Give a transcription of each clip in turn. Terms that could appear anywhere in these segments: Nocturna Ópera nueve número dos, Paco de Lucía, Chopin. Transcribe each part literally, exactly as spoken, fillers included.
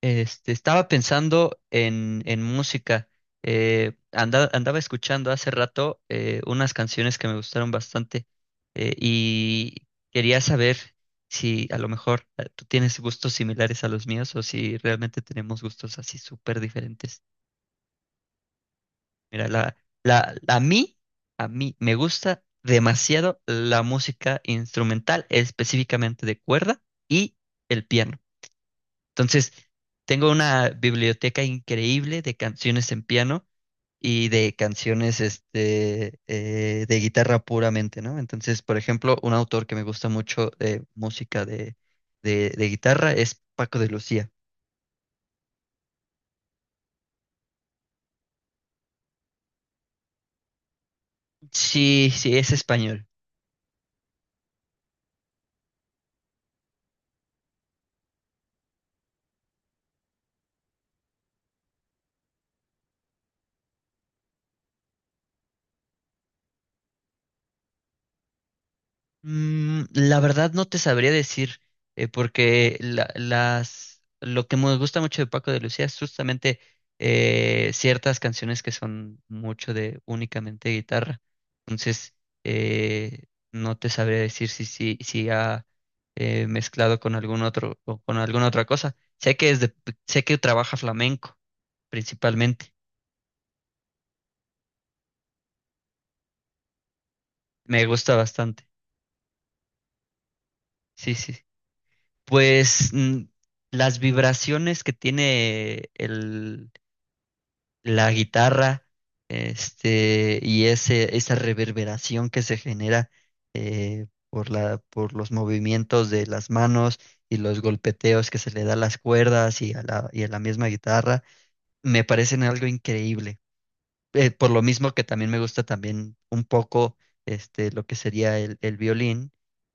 Este, estaba pensando en, en música. Eh, anda- andaba escuchando hace rato eh, unas canciones que me gustaron bastante eh, y quería saber si a lo mejor eh, tú tienes gustos similares a los míos o si realmente tenemos gustos así súper diferentes. Mira, la, la, a mí, a mí me gusta demasiado la música instrumental, específicamente de cuerda y el piano. Entonces, tengo una biblioteca increíble de canciones en piano y de canciones este, eh, de guitarra puramente, ¿no? Entonces, por ejemplo, un autor que me gusta mucho de música de, de, de guitarra es Paco de Lucía. Sí, sí, es español. Mm, la verdad no te sabría decir, eh, porque la- las, lo que me gusta mucho de Paco de Lucía es justamente eh, ciertas canciones que son mucho de únicamente guitarra. Entonces, eh, no te sabría decir si, si, si ha eh, mezclado con algún otro o con alguna otra cosa. Sé que es de- sé que trabaja flamenco principalmente. Me gusta bastante. Sí, sí, sí. Pues mm, las vibraciones que tiene el, la guitarra, este, y ese, esa reverberación que se genera eh, por la, por los movimientos de las manos y los golpeteos que se le da a las cuerdas y a la, y a la misma guitarra, me parecen algo increíble. Eh, por lo mismo que también me gusta también un poco este, lo que sería el, el violín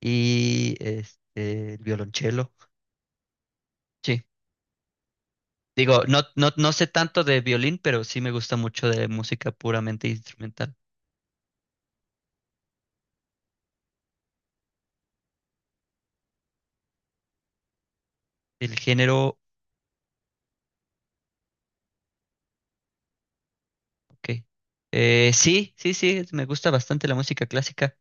y este, el violonchelo. Sí. Digo, no, no, no sé tanto de violín, pero sí me gusta mucho de música puramente instrumental. El género, ok. Eh, sí, sí, sí, me gusta bastante la música clásica.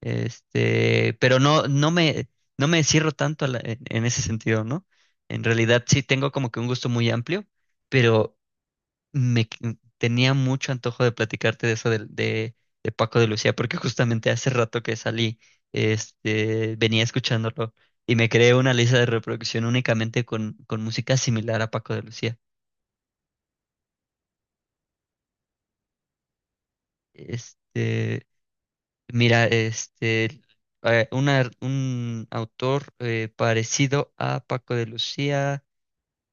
Este, pero no, no me, no me cierro tanto a la- en, en ese sentido, ¿no? En realidad sí tengo como que un gusto muy amplio, pero me qu- mm, tenía mucho antojo de platicarte de eso del- de, de Paco de Lucía, porque justamente hace rato que salí, este, venía escuchándolo y me creé una lista de reproducción únicamente con, con música similar a Paco de Lucía. Este, Mira, este, eh, una- un autor eh, parecido a Paco de Lucía,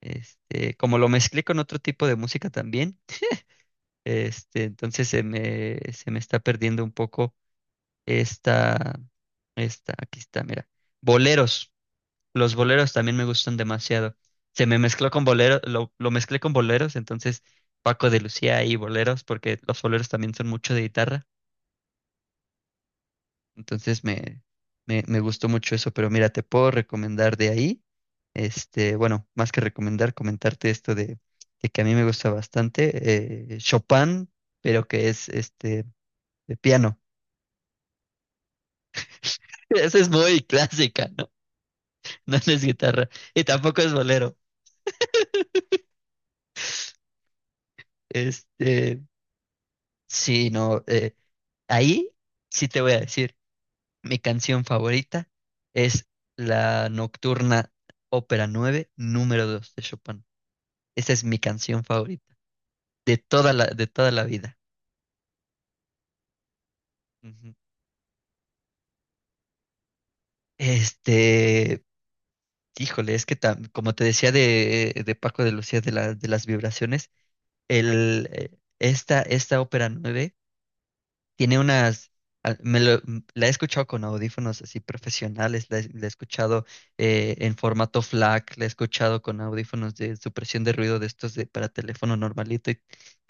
este, como lo mezclé con otro tipo de música también, este, entonces se me, se me está perdiendo un poco. Esta, esta, Aquí está, mira. Boleros. Los boleros también me gustan demasiado. Se me mezcló con boleros, lo, lo mezclé con boleros, entonces Paco de Lucía y boleros, porque los boleros también son mucho de guitarra. Entonces me, me, me gustó mucho eso, pero mira, te puedo recomendar de ahí. Este, bueno, más que recomendar, comentarte esto de, de que a mí me gusta bastante. eh, Chopin, pero que es este de piano. Esa es muy clásica, ¿no? No, no es guitarra. Y tampoco es bolero. Este, sí, no. Eh, ahí sí te voy a decir, mi canción favorita es la Nocturna Ópera nueve número dos de Chopin. Esa es mi canción favorita de toda la, de toda la vida. Ujú. Este, Híjole, es que tam- como te decía de, de Paco de Lucía de, la- de las vibraciones, el, eh, esta, esta ópera nueve tiene unas, a- me lo- m- la he escuchado con audífonos así profesionales, la he, la he escuchado eh, en formato FLAC, la he escuchado con audífonos de supresión de ruido de estos de, para teléfono normalito, y-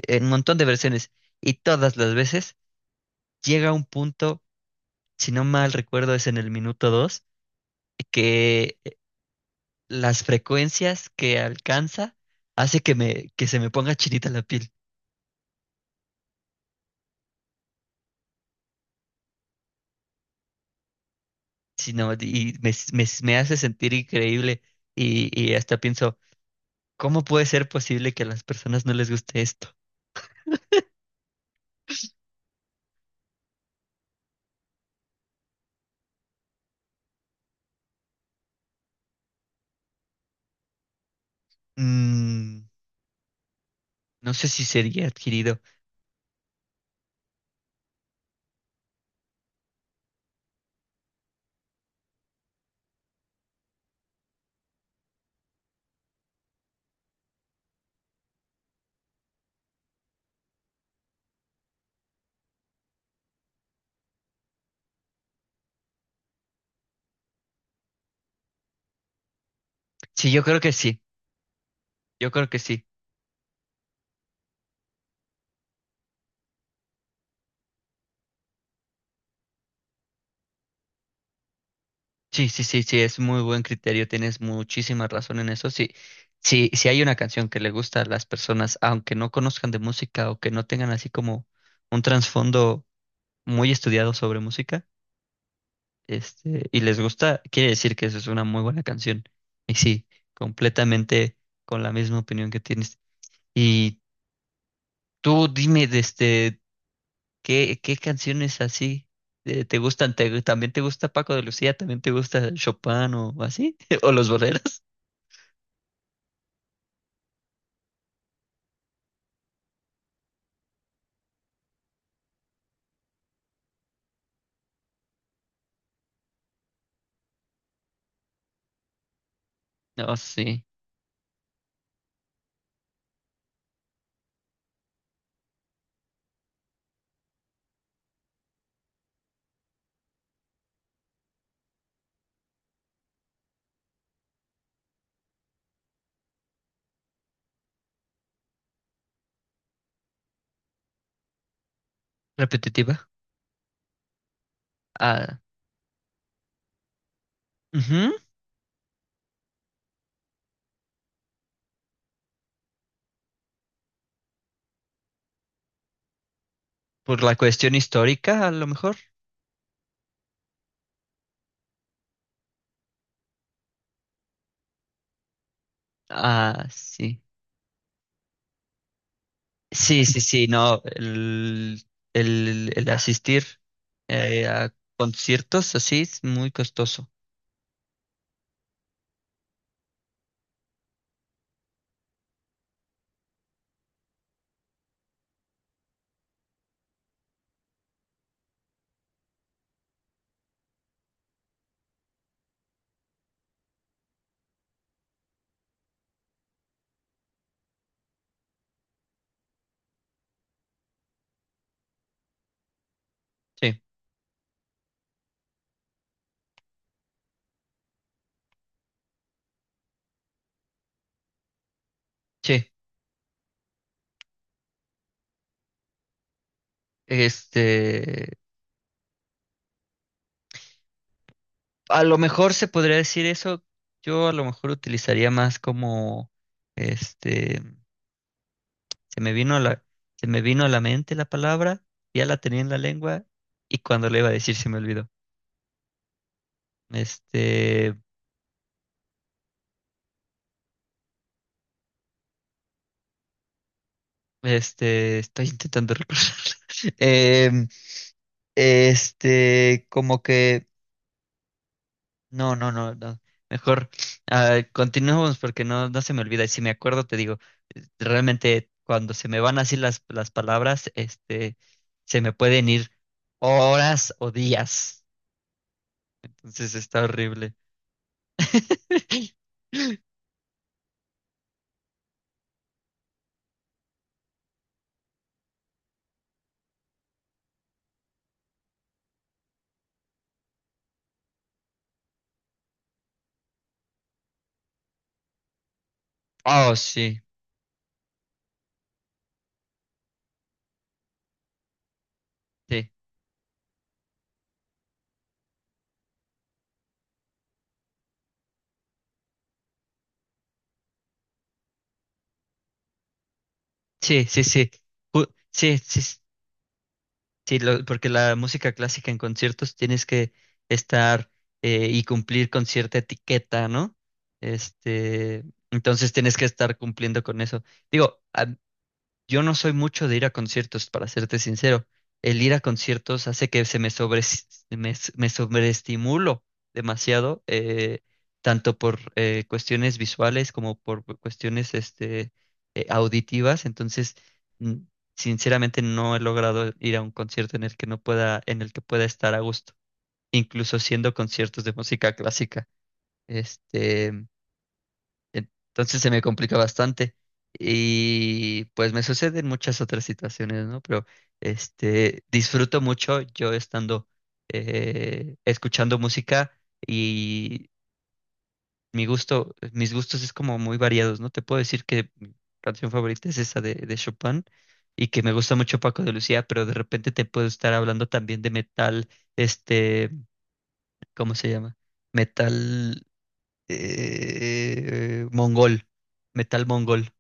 en un montón de versiones. Y todas las veces llega un punto, si no mal recuerdo es en el minuto dos, que eh, las frecuencias que alcanza hace que, me, que se me ponga chinita la piel, sino, y me, me me hace sentir increíble y, y hasta pienso. ¿Cómo puede ser posible que a las personas no les guste esto? Mm, no sé si sería adquirido. Sí, yo creo que sí. Yo creo que sí. Sí, sí, sí, sí, es muy buen criterio. Tienes muchísima razón en eso. Sí, sí, si hay una canción que le gusta a las personas, aunque no conozcan de música o que no tengan así como un trasfondo muy estudiado sobre música, este, y les gusta, quiere decir que eso es una muy buena canción. Y sí, completamente con la misma opinión que tienes. Y tú dime, de este. ¿Qué, qué canciones así eh, te gustan? ¿Te- también te gusta Paco de Lucía? ¿También te gusta Chopin o así? ¿O los boleros? No, sí. Repetitiva. Ah, ujú. Por la cuestión histórica, a lo mejor. Ah, sí. Sí, sí, sí, no. El, el, el asistir eh, a conciertos así es muy costoso. Sí, sí. Este. A lo mejor se podría decir eso. Yo a lo mejor utilizaría más como, este, se me vino a la, se me vino a la mente la palabra, ya la tenía en la lengua y cuando le iba a decir se me olvidó. Este, este, Estoy intentando recordar. Em, este, Como que no, no, no, no. Mejor, ah, continuemos porque no, no se me olvida. Y si me acuerdo, te digo, eh, realmente cuando se me van así las, las palabras, este, se me pueden ir horas o días. Entonces está horrible. Oh, sí, sí, sí, sí, sí. Ju- Sí, sí, sí, lo- porque la música clásica en conciertos tienes que estar eh, y cumplir con cierta etiqueta, ¿no? Este, entonces tienes que estar cumpliendo con eso. Digo, yo no soy mucho de ir a conciertos, para serte sincero. El ir a conciertos hace que se me sobre, me, s- me sobreestimulo demasiado, eh, tanto por eh, cuestiones visuales como por cuestiones este, eh, auditivas. Entonces, mm, sinceramente no he logrado ir a un concierto en el que no pueda, en el que pueda estar a gusto, incluso siendo conciertos de música clásica. Este, entonces se me complica bastante. Y pues me suceden muchas otras situaciones, ¿no? Pero este disfruto mucho yo estando eh, escuchando música y mi gusto, mis gustos es como muy variados, ¿no? Te puedo decir que mi canción favorita es esa de, de Chopin y que me gusta mucho Paco de Lucía, pero de repente te puedo estar hablando también de metal, este, ¿cómo se llama? Metal eh, mongol, Metal mongol.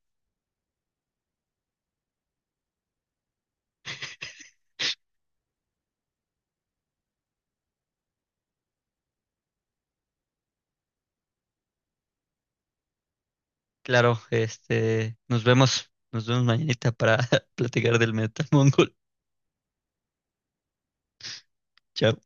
Claro, este, nos vemos, nos vemos mañanita para platicar del Metal Mongol. Chao.